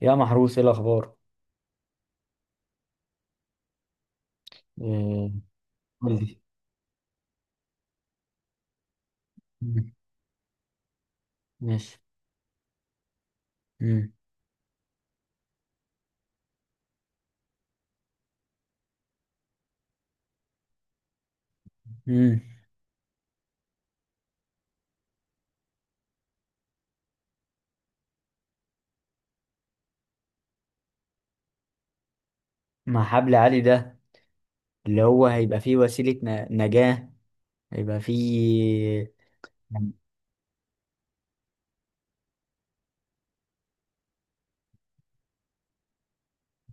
يا محروس، ايه الاخبار؟ إيه، قول لي. مم، ماشي. مم، مم. مع حبل عالي ده، اللي هو هيبقى فيه وسيلة نجاة، هيبقى فيه.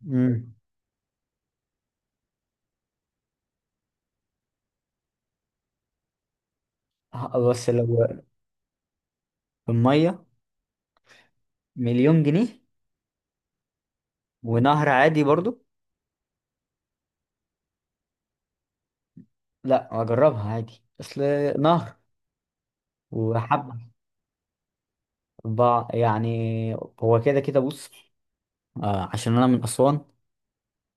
مم. بس لو المية مليون جنيه، ونهر عادي برضو. لا، اجربها عادي. اصل نهر وحبل، يعني هو كده كده. بص، عشان انا من اسوان،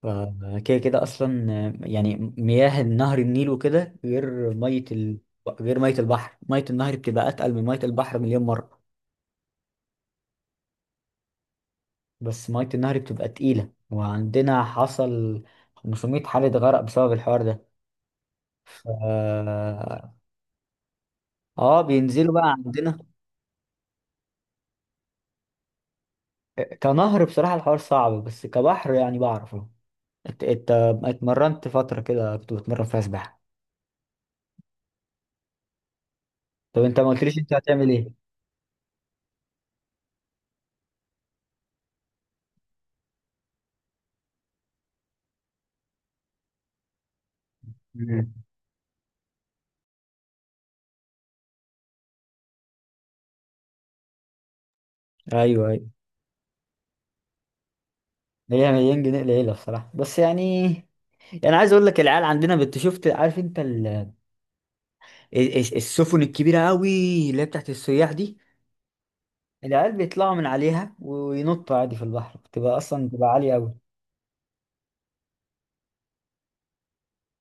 فكده كده اصلا يعني. مياه نهر النيل وكده غير ميه غير ميه البحر. ميه النهر بتبقى اتقل من ميه البحر مليون مره. بس ميه النهر بتبقى تقيله، وعندنا حصل 500 حالة غرق بسبب الحوار ده. ف... اه بينزلوا بقى عندنا. كنهر بصراحة الحوار صعب، بس كبحر يعني بعرفه. انت اتمرنت فترة كده، كنت بتمرن فيها سباحة؟ طب انت ما قلتليش انت هتعمل ايه. مم. ايوه، هي مليون جنيه قليله بصراحه، بس يعني، يعني عايز اقول لك، العيال عندنا شفت، عارف انت السفن الكبيره قوي، اللي هي بتاعت السياح دي، العيال بيطلعوا من عليها وينطوا عادي في البحر، بتبقى اصلا بتبقى عاليه قوي.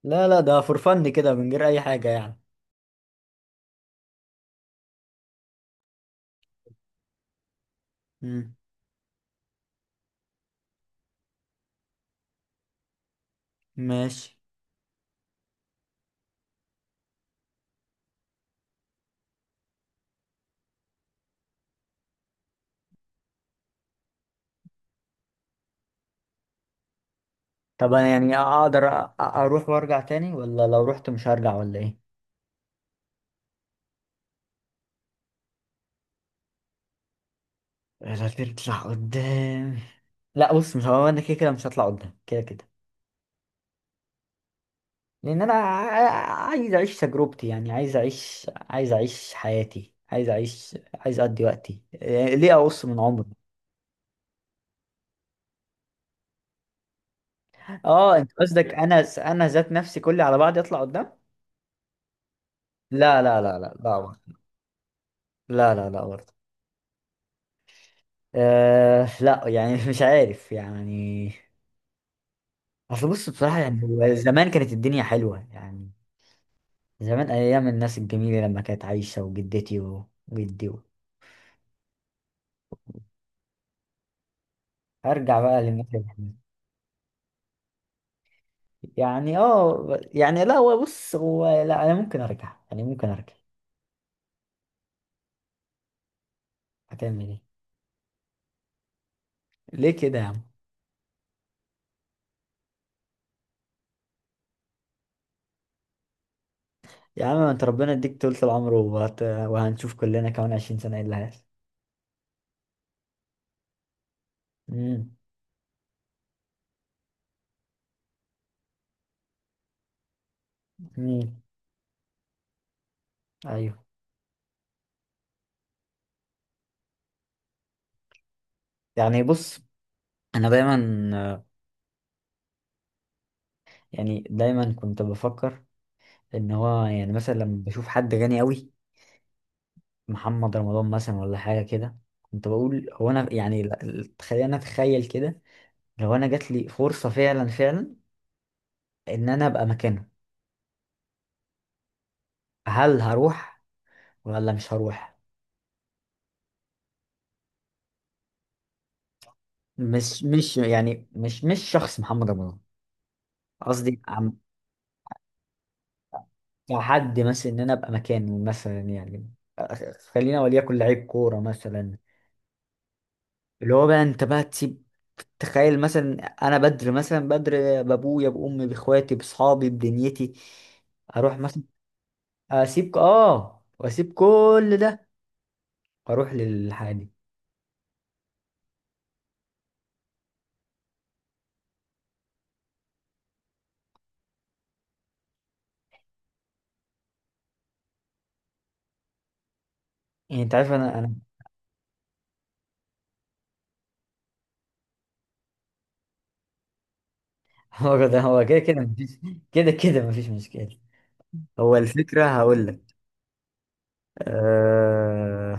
لا لا، ده فور فن كده، من غير اي حاجه يعني. امم، ماشي. طب انا يعني اقدر اروح وارجع تاني، ولا لو رحت مش هرجع ولا ايه؟ لا، تطلع قدام. لا بص، مش هو انا كده كده مش هطلع قدام كده كده. لان انا عايز اعيش تجربتي، يعني عايز اعيش، حياتي، عايز اقضي وقتي. ليه اقص من عمري؟ اه، انت قصدك انا ذات نفسي كلي على بعض يطلع قدام؟ لا لا لا لا لا برضه. لا لا لا برضه. أه لا يعني مش عارف يعني. اصل بص، بصراحة يعني هو زمان كانت الدنيا حلوة يعني. زمان ايام الناس الجميلة، لما كانت عايشة وجدتي وجدي ارجع بقى للناس. يعني اه، يعني لا، هو بص، هو لا، انا ممكن ارجع، يعني ممكن ارجع. هتعمل ايه؟ ليه كده يا عم؟ يا عم، ما انت ربنا يديك طولة العمر، وهنشوف كلنا كمان 20 سنة ايه اللي هيحصل. امم. امم. ايوه، يعني بص، انا دايما، يعني دايما كنت بفكر ان هو يعني، مثلا لما بشوف حد غني قوي، محمد رمضان مثلا ولا حاجة كده، كنت بقول هو انا يعني، خلينا اتخيل كده، لو انا جات لي فرصة فعلا فعلا، ان انا ابقى مكانه، هل هروح ولا مش هروح؟ مش يعني مش شخص محمد رمضان، قصدي عم، كحد مثلا، ان انا ابقى مكانه مثلا يعني. خلينا وليكن لعيب كوره مثلا، اللي هو بقى انت بقى تسيب، تخيل مثلا انا بدر، مثلا بدر بابويا بامي باخواتي باصحابي بدنيتي، اروح مثلا، اسيب، واسيب كل ده، واروح للحادي. يعني انت عارف، انا هو ده، هو كده كده مفيش، كده كده مفيش مشكله، هو الفكره، هقول لك. آه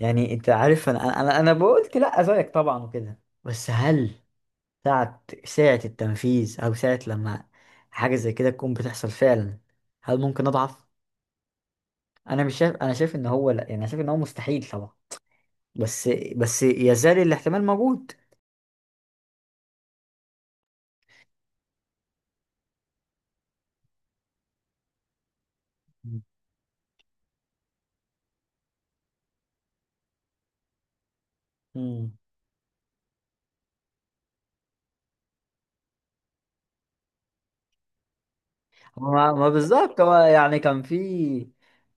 يعني انت عارف، انا بقولت لا زيك طبعا وكده، بس هل ساعة، التنفيذ، او ساعة لما حاجة زي كده تكون بتحصل فعلا، هل ممكن اضعف؟ انا مش شايف، انا شايف ان هو لا، يعني انا شايف ان هو مستحيل طبعا، بس يزال الاحتمال موجود. مم. ما بالظبط. هو يعني كان في،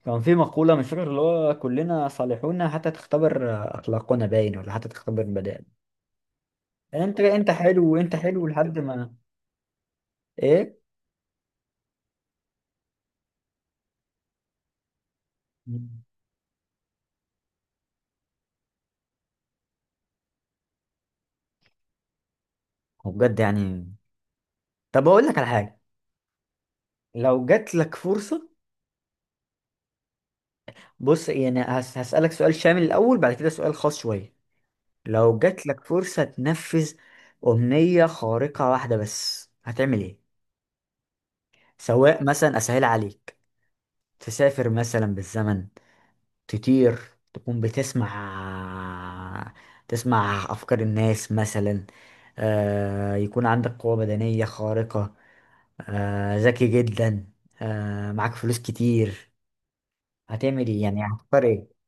كان في مقولة مش فاكر، اللي هو كلنا صالحون حتى تختبر أخلاقنا، باين ولا حتى تختبر. انت حلو، وانت حلو لحد ما. ايه. وبجد يعني، طب اقول لك على حاجه، لو جات لك فرصه. بص يعني، هسالك سؤال شامل الاول، بعد كده سؤال خاص شويه. لو جات لك فرصه تنفذ امنيه خارقه واحده بس، هتعمل ايه؟ سواء مثلا، اسهل عليك، تسافر مثلا بالزمن، تطير، تكون بتسمع، تسمع افكار الناس مثلا، يكون عندك قوه بدنيه خارقه، ذكي جدا، معاك فلوس كتير، هتعمل ايه، يعني هتختار ايه؟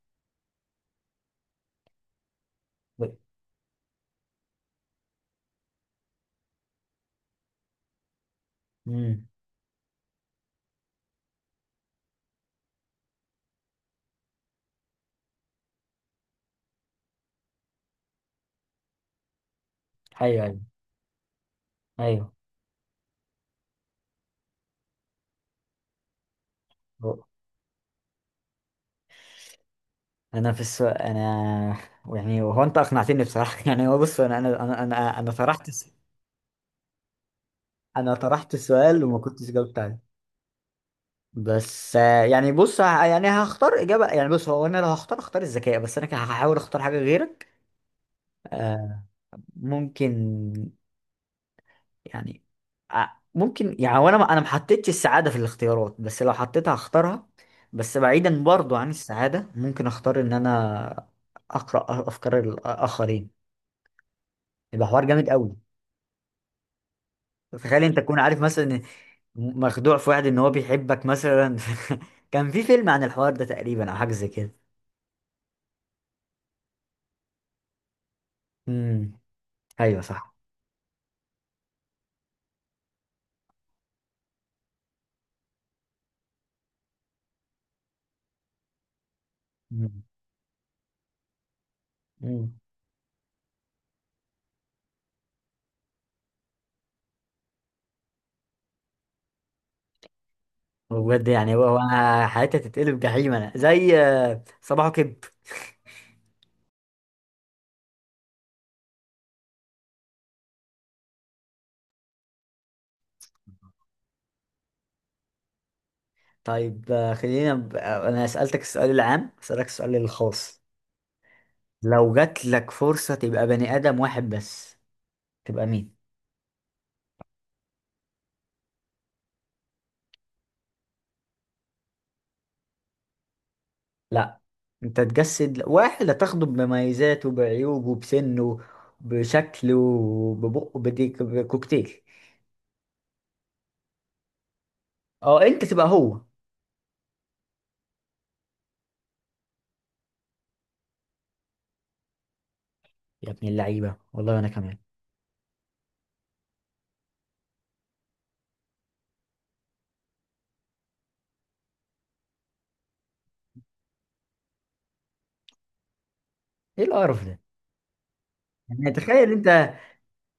امم. ايوه ايوه ايوه. هو- انا في السؤال، انا يعني هو انت اقنعتني بصراحه يعني هو بص، انا انا انا انا أنا طرحت انا طرحت السؤال وما كنتش جاوبت عليه. بس يعني بص، يعني هختار اجابه. يعني بص، هو انا لو هختار، اختار الذكاء، بس انا كده هحاول اختار حاجه غيرك. آه ممكن يعني، ع- ممكن يعني، وانا ما انا ما حطيتش السعاده في الاختيارات، بس لو حطيتها هختارها. بس بعيدا برضو عن السعاده، ممكن اختار ان انا اقرا افكار الاخرين، يبقى حوار جامد قوي. تخيل انت تكون عارف مثلا إن مخدوع في واحد ان هو بيحبك مثلا. كان في فيلم عن الحوار ده تقريبا، او حاجه زي كده. امم. ايوه صح. امم. امم. بجد يعني هو هو، حياتي هتتقلب جحيم. انا زي صباحو كده. طيب، خلينا ب... آه، انا سألتك السؤال العام، هسألك السؤال الخاص. لو جات لك فرصة تبقى بني آدم واحد بس، تبقى مين؟ لا، انت تجسد واحد هتاخده بمميزاته بعيوبه بسنه بشكله، ببقه بديك بكوكتيل. اه، انت تبقى هو. يا ابن اللعيبة، والله انا كمان. ايه القرف ده؟ يعني تخيل انت،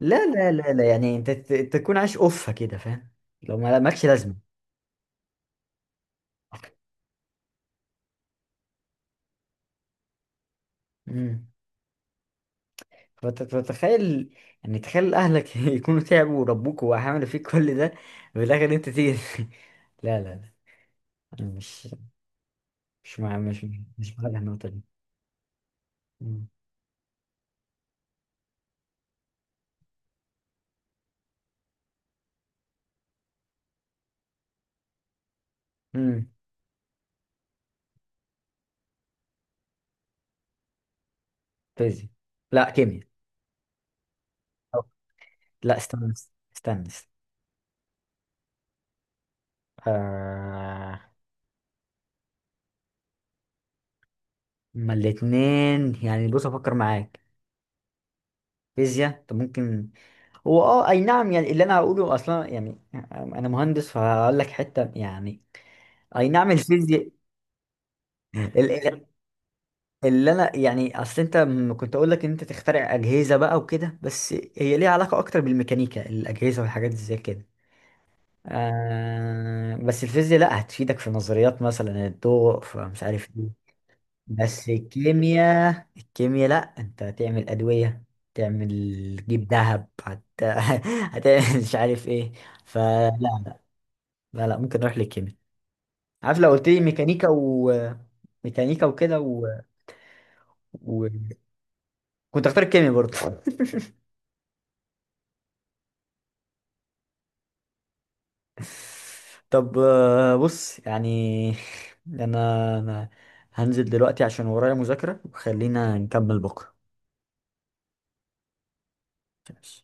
لا لا لا لا، يعني انت تكون عايش اوفة كده، فاهم؟ لو ما مالكش لازمة. مم. فتتخيل، يعني تخيل اهلك يكونوا تعبوا وربوك وعملوا فيك كل ده، وفي الاخر انت تيجي. لا لا لا، أنا مش، مش مع، مش، مش مع النقطة دي. مم. مم. فيزياء. لا، كيمياء. أو- لا استنى، استنى استنى. آه... ما الاتنين يعني، بص افكر معاك. فيزياء طب ممكن، هو اي نعم، يعني اللي انا هقوله اصلا يعني، انا مهندس فهقول لك حته يعني، اي نعم، الفيزياء. اللي انا يعني، اصل انت كنت اقول لك ان انت تخترع اجهزه بقى وكده، بس هي ليها علاقه اكتر بالميكانيكا، الاجهزه والحاجات زي كده. بس الفيزياء لا، هتفيدك في نظريات مثلا الضوء، فمش عارف ايه. بس الكيمياء، الكيمياء لا، انت هتعمل ادويه، تعمل، تجيب ذهب، هتعمل مش عارف ايه. فلا لا، لا لا، ممكن اروح للكيمياء. عارف، لو قلت لي ميكانيكا و ميكانيكا وكده و... كنت اختار الكيمياء برضه. طب، بص يعني، أنا هنزل دلوقتي عشان ورايا مذاكرة، وخلينا نكمل بكرة. ماشي.